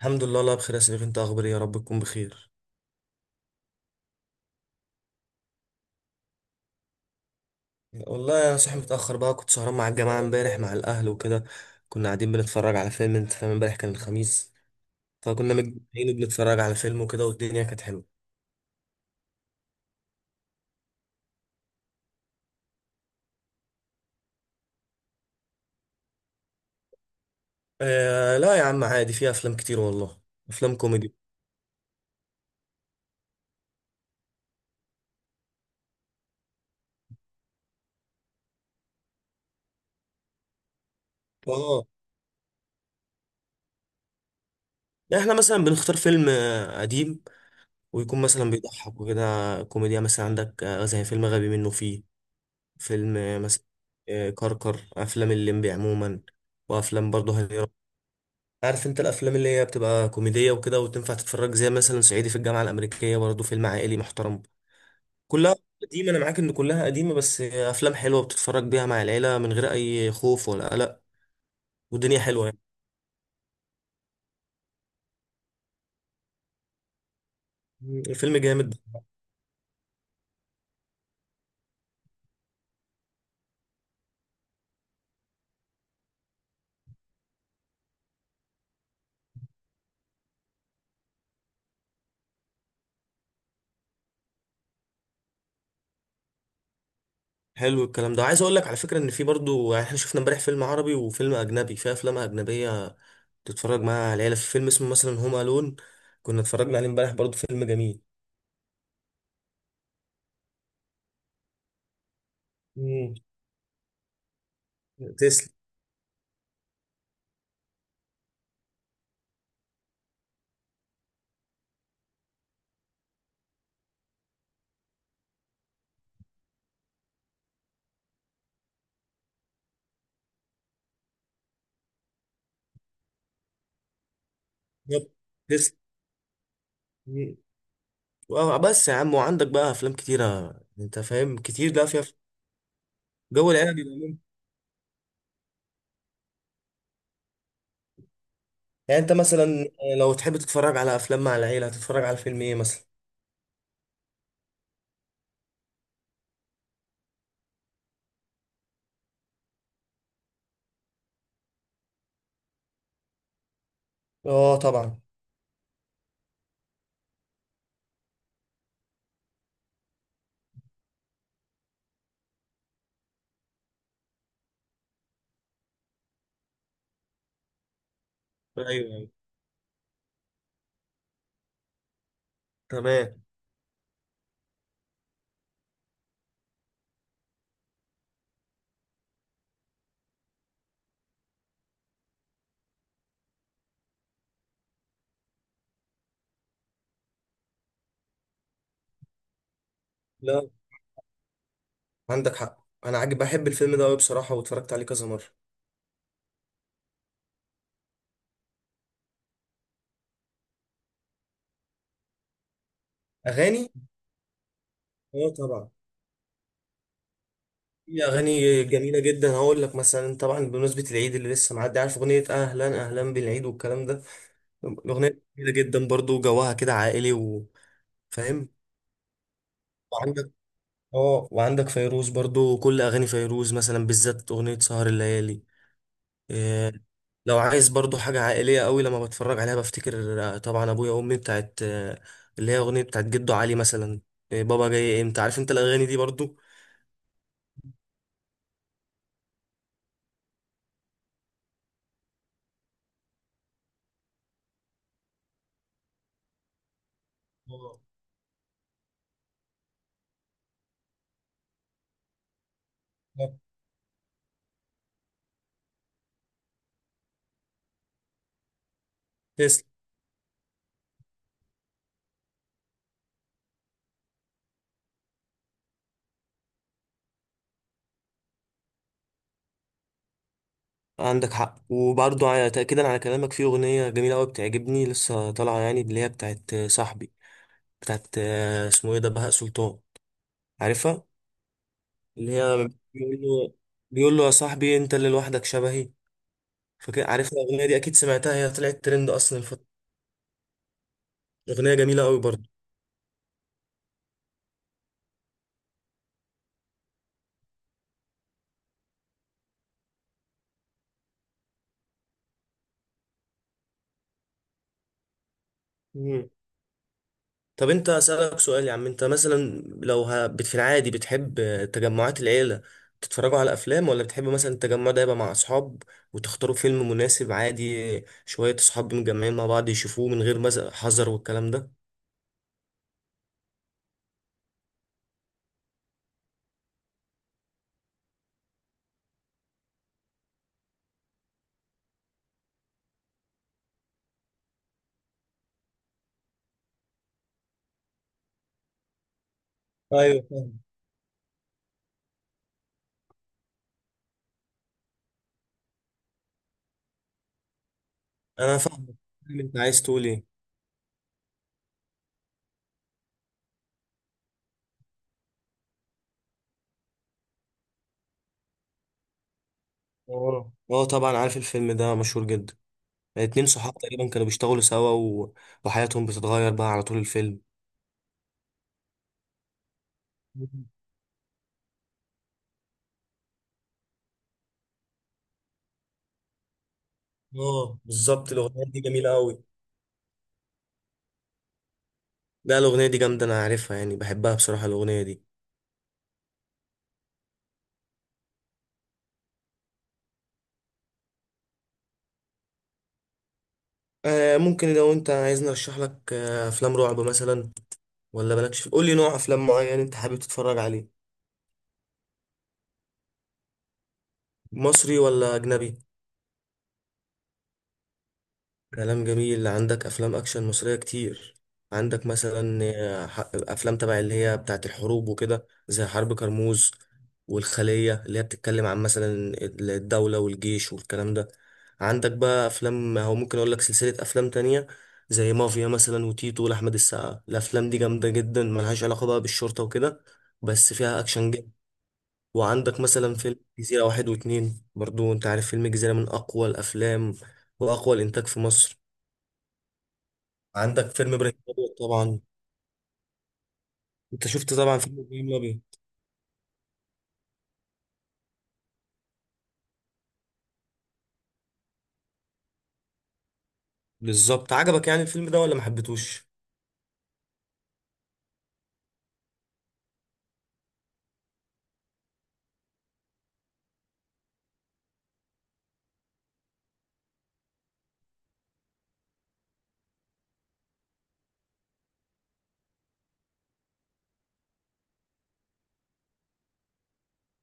الحمد لله، الله بخير يا سيدي. انت اخباري؟ يا رب تكون بخير. والله انا صاحي متاخر بقى، كنت سهران مع الجماعه امبارح مع الاهل وكده. كنا قاعدين بنتفرج على فيلم، انت فاهم، امبارح كان الخميس. فكنا متجمعين وبنتفرج على فيلم وكده، والدنيا كانت حلوه. آه لا يا عم، عادي، في افلام كتير والله. افلام كوميدي. اه. يعني احنا مثلا بنختار فيلم قديم، ويكون مثلا بيضحك وكده. كوميديا مثلا عندك زي فيلم غبي منه فيه. فيلم مثلا. كركر، افلام الليمبي عموما. وافلام برضه هنيرة. عارف انت الافلام اللي هي بتبقى كوميديه وكده وتنفع تتفرج، زي مثلا صعيدي في الجامعه الامريكيه، برضه فيلم عائلي محترم. كلها قديمه. انا معاك ان كلها قديمه، بس افلام حلوه بتتفرج بيها مع العيله من غير اي خوف ولا قلق. والدنيا حلوه يعني. الفيلم جامد. حلو الكلام ده. عايز اقول لك على فكره ان في برضه، يعني احنا شفنا امبارح فيلم عربي وفيلم اجنبي. في افلام اجنبيه تتفرج مع العيله، في فيلم اسمه مثلا هوم الون. كنا اتفرجنا عليه امبارح، برضه فيلم جميل. مم. تسلم. يب. تسلم. بس يا عم، وعندك بقى افلام كتيره. انت فاهم كتير لا فيها. جو العيله بيبقى ممتع. يعني انت مثلا، لو تحب تتفرج على افلام مع العيله هتتفرج على فيلم ايه مثلا؟ اه طبعا. ايوه ايوه، تمام. لا، عندك حق. انا عاجب بحب الفيلم ده قوي بصراحه، واتفرجت عليه كذا مره. اغاني؟ اه طبعا. في اغاني جميله جدا. هقول لك مثلا، طبعا بمناسبه العيد اللي لسه معدي، عارف اغنيه اهلا اهلا بالعيد والكلام ده. الاغنيه جميله جدا، برضو جواها كده عائلي وفاهم. اه وعندك فيروز برضو، كل اغاني فيروز مثلا، بالذات اغنيه سهر الليالي. إيه. لو عايز برضو حاجه عائليه قوي لما بتفرج عليها، بفتكر طبعا ابويا وامي. بتاعت اللي هي اغنيه بتاعت جدو علي مثلا. إيه بابا جاي امتى، عارف انت الاغاني دي برضو. آه. آه. تسلم. عندك حق. وبرضو تاكيدا على كلامك، في اغنيه جميله قوي بتعجبني لسه طالعه يعني، اللي هي بتاعت صاحبي. بتاعت اسمه ايه ده، بهاء سلطان. عارفها. اللي هي بيقول له، بيقول له يا صاحبي انت اللي لوحدك شبهي. فاكر؟ عارف الأغنية دي أكيد سمعتها، هي طلعت ترند أصلا الفترة. أغنية جميلة أوي برضه. مم. طب أنت أسألك سؤال يا عم. أنت مثلا، في العادي بتحب تجمعات العيلة تتفرجوا على أفلام، ولا بتحب مثلا التجمع ده يبقى مع أصحاب، وتختاروا فيلم مناسب عادي، شوية أصحاب متجمعين مع بعض يشوفوه من غير حذر والكلام ده؟ ايوه فاهم. أنا فاهم أنت عايز تقول إيه. اه اه طبعا عارف الفيلم ده، مشهور جدا. اتنين صحاب تقريبا كانوا بيشتغلوا سوا، و... وحياتهم بتتغير بقى على طول الفيلم. اه بالظبط، الاغنيه دي جميله قوي. لا الاغنيه دي جامده، انا عارفها يعني، بحبها بصراحه الاغنيه دي. آه ممكن. لو انت عايزني ارشح لك، آه افلام رعب مثلا، ولا مالكش قول لي نوع افلام معين انت حابب تتفرج عليه. مصري ولا اجنبي؟ كلام جميل. عندك افلام اكشن مصريه كتير. عندك مثلا افلام تبع اللي هي بتاعت الحروب وكده، زي حرب كرموز والخليه، اللي هي بتتكلم عن مثلا الدوله والجيش والكلام ده. عندك بقى افلام، هو ممكن اقول لك سلسله افلام تانية، زي مافيا مثلا وتيتو لاحمد السقا. الافلام دي جامده جدا، ملهاش علاقه بقى بالشرطه وكده، بس فيها اكشن جدا. وعندك مثلا فيلم جزيره واحد واتنين برضو. انت عارف فيلم جزيره من اقوى الافلام واقوى الانتاج في مصر. عندك فيلم ابراهيم الابيض طبعا. انت شفت طبعا فيلم ابراهيم الابيض. بالظبط. عجبك يعني الفيلم ده ولا ما حبيتهوش؟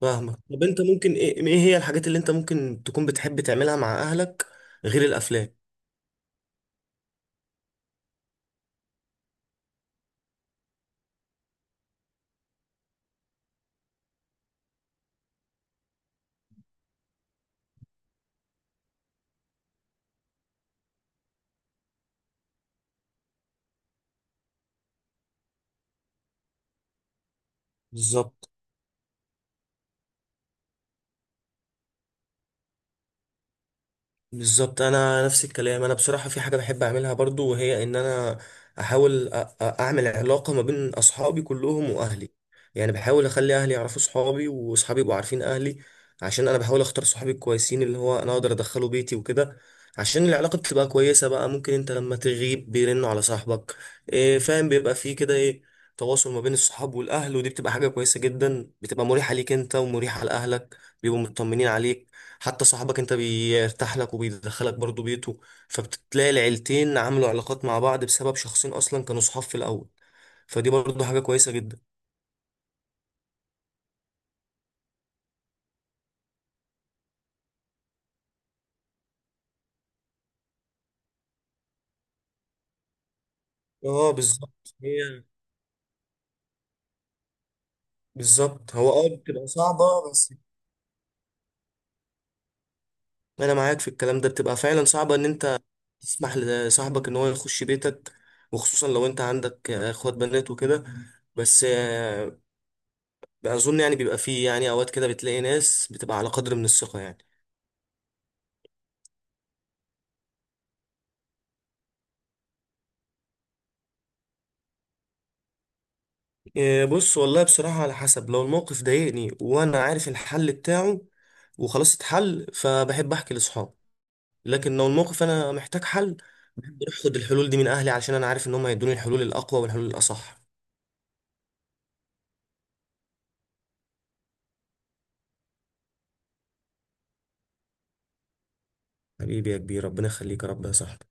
فاهمك. طب انت ممكن، ايه ايه هي الحاجات اللي انت ممكن تكون بتحب تعملها مع اهلك غير الافلام؟ بالظبط. بالظبط. انا نفس الكلام. انا بصراحه في حاجه بحب اعملها برضو، وهي ان انا احاول اعمل علاقه ما بين اصحابي كلهم واهلي. يعني بحاول اخلي اهلي يعرفوا صحابي، واصحابي يبقوا عارفين اهلي، عشان انا بحاول اختار صحابي الكويسين اللي هو انا اقدر ادخله بيتي وكده. عشان العلاقه بتبقى كويسه بقى، ممكن انت لما تغيب بيرنوا على صاحبك. إيه فاهم، بيبقى فيه كده ايه، تواصل ما بين الصحاب والاهل. ودي بتبقى حاجه كويسه جدا، بتبقى مريحه ليك انت ومريحه لاهلك. بيبقوا مطمنين عليك. حتى صاحبك انت بيرتاح لك، وبيدخلك برضو بيته. فبتلاقي العيلتين عملوا علاقات مع بعض بسبب شخصين اصلا كانوا صحاب في الاول. فدي برضو حاجة كويسة جدا. اه بالظبط، هي بالظبط هو. اه بتبقى صعبة بس. انا معاك في الكلام ده، بتبقى فعلا صعبة ان انت تسمح لصاحبك ان هو يخش بيتك، وخصوصا لو انت عندك اخوات بنات وكده. بس اظن يعني بيبقى فيه يعني اوقات كده، بتلاقي ناس بتبقى على قدر من الثقة يعني. إيه، بص والله بصراحة، على حسب. لو الموقف ضايقني وأنا عارف الحل بتاعه وخلاص اتحل، فبحب أحكي لأصحابي. لكن لو الموقف أنا محتاج حل، بحب أروح أخد الحلول دي من أهلي، علشان أنا عارف إن هم هيدوني الحلول الأقوى والحلول الأصح. حبيبي يا كبير، ربنا يخليك يا رب يا صاحبي.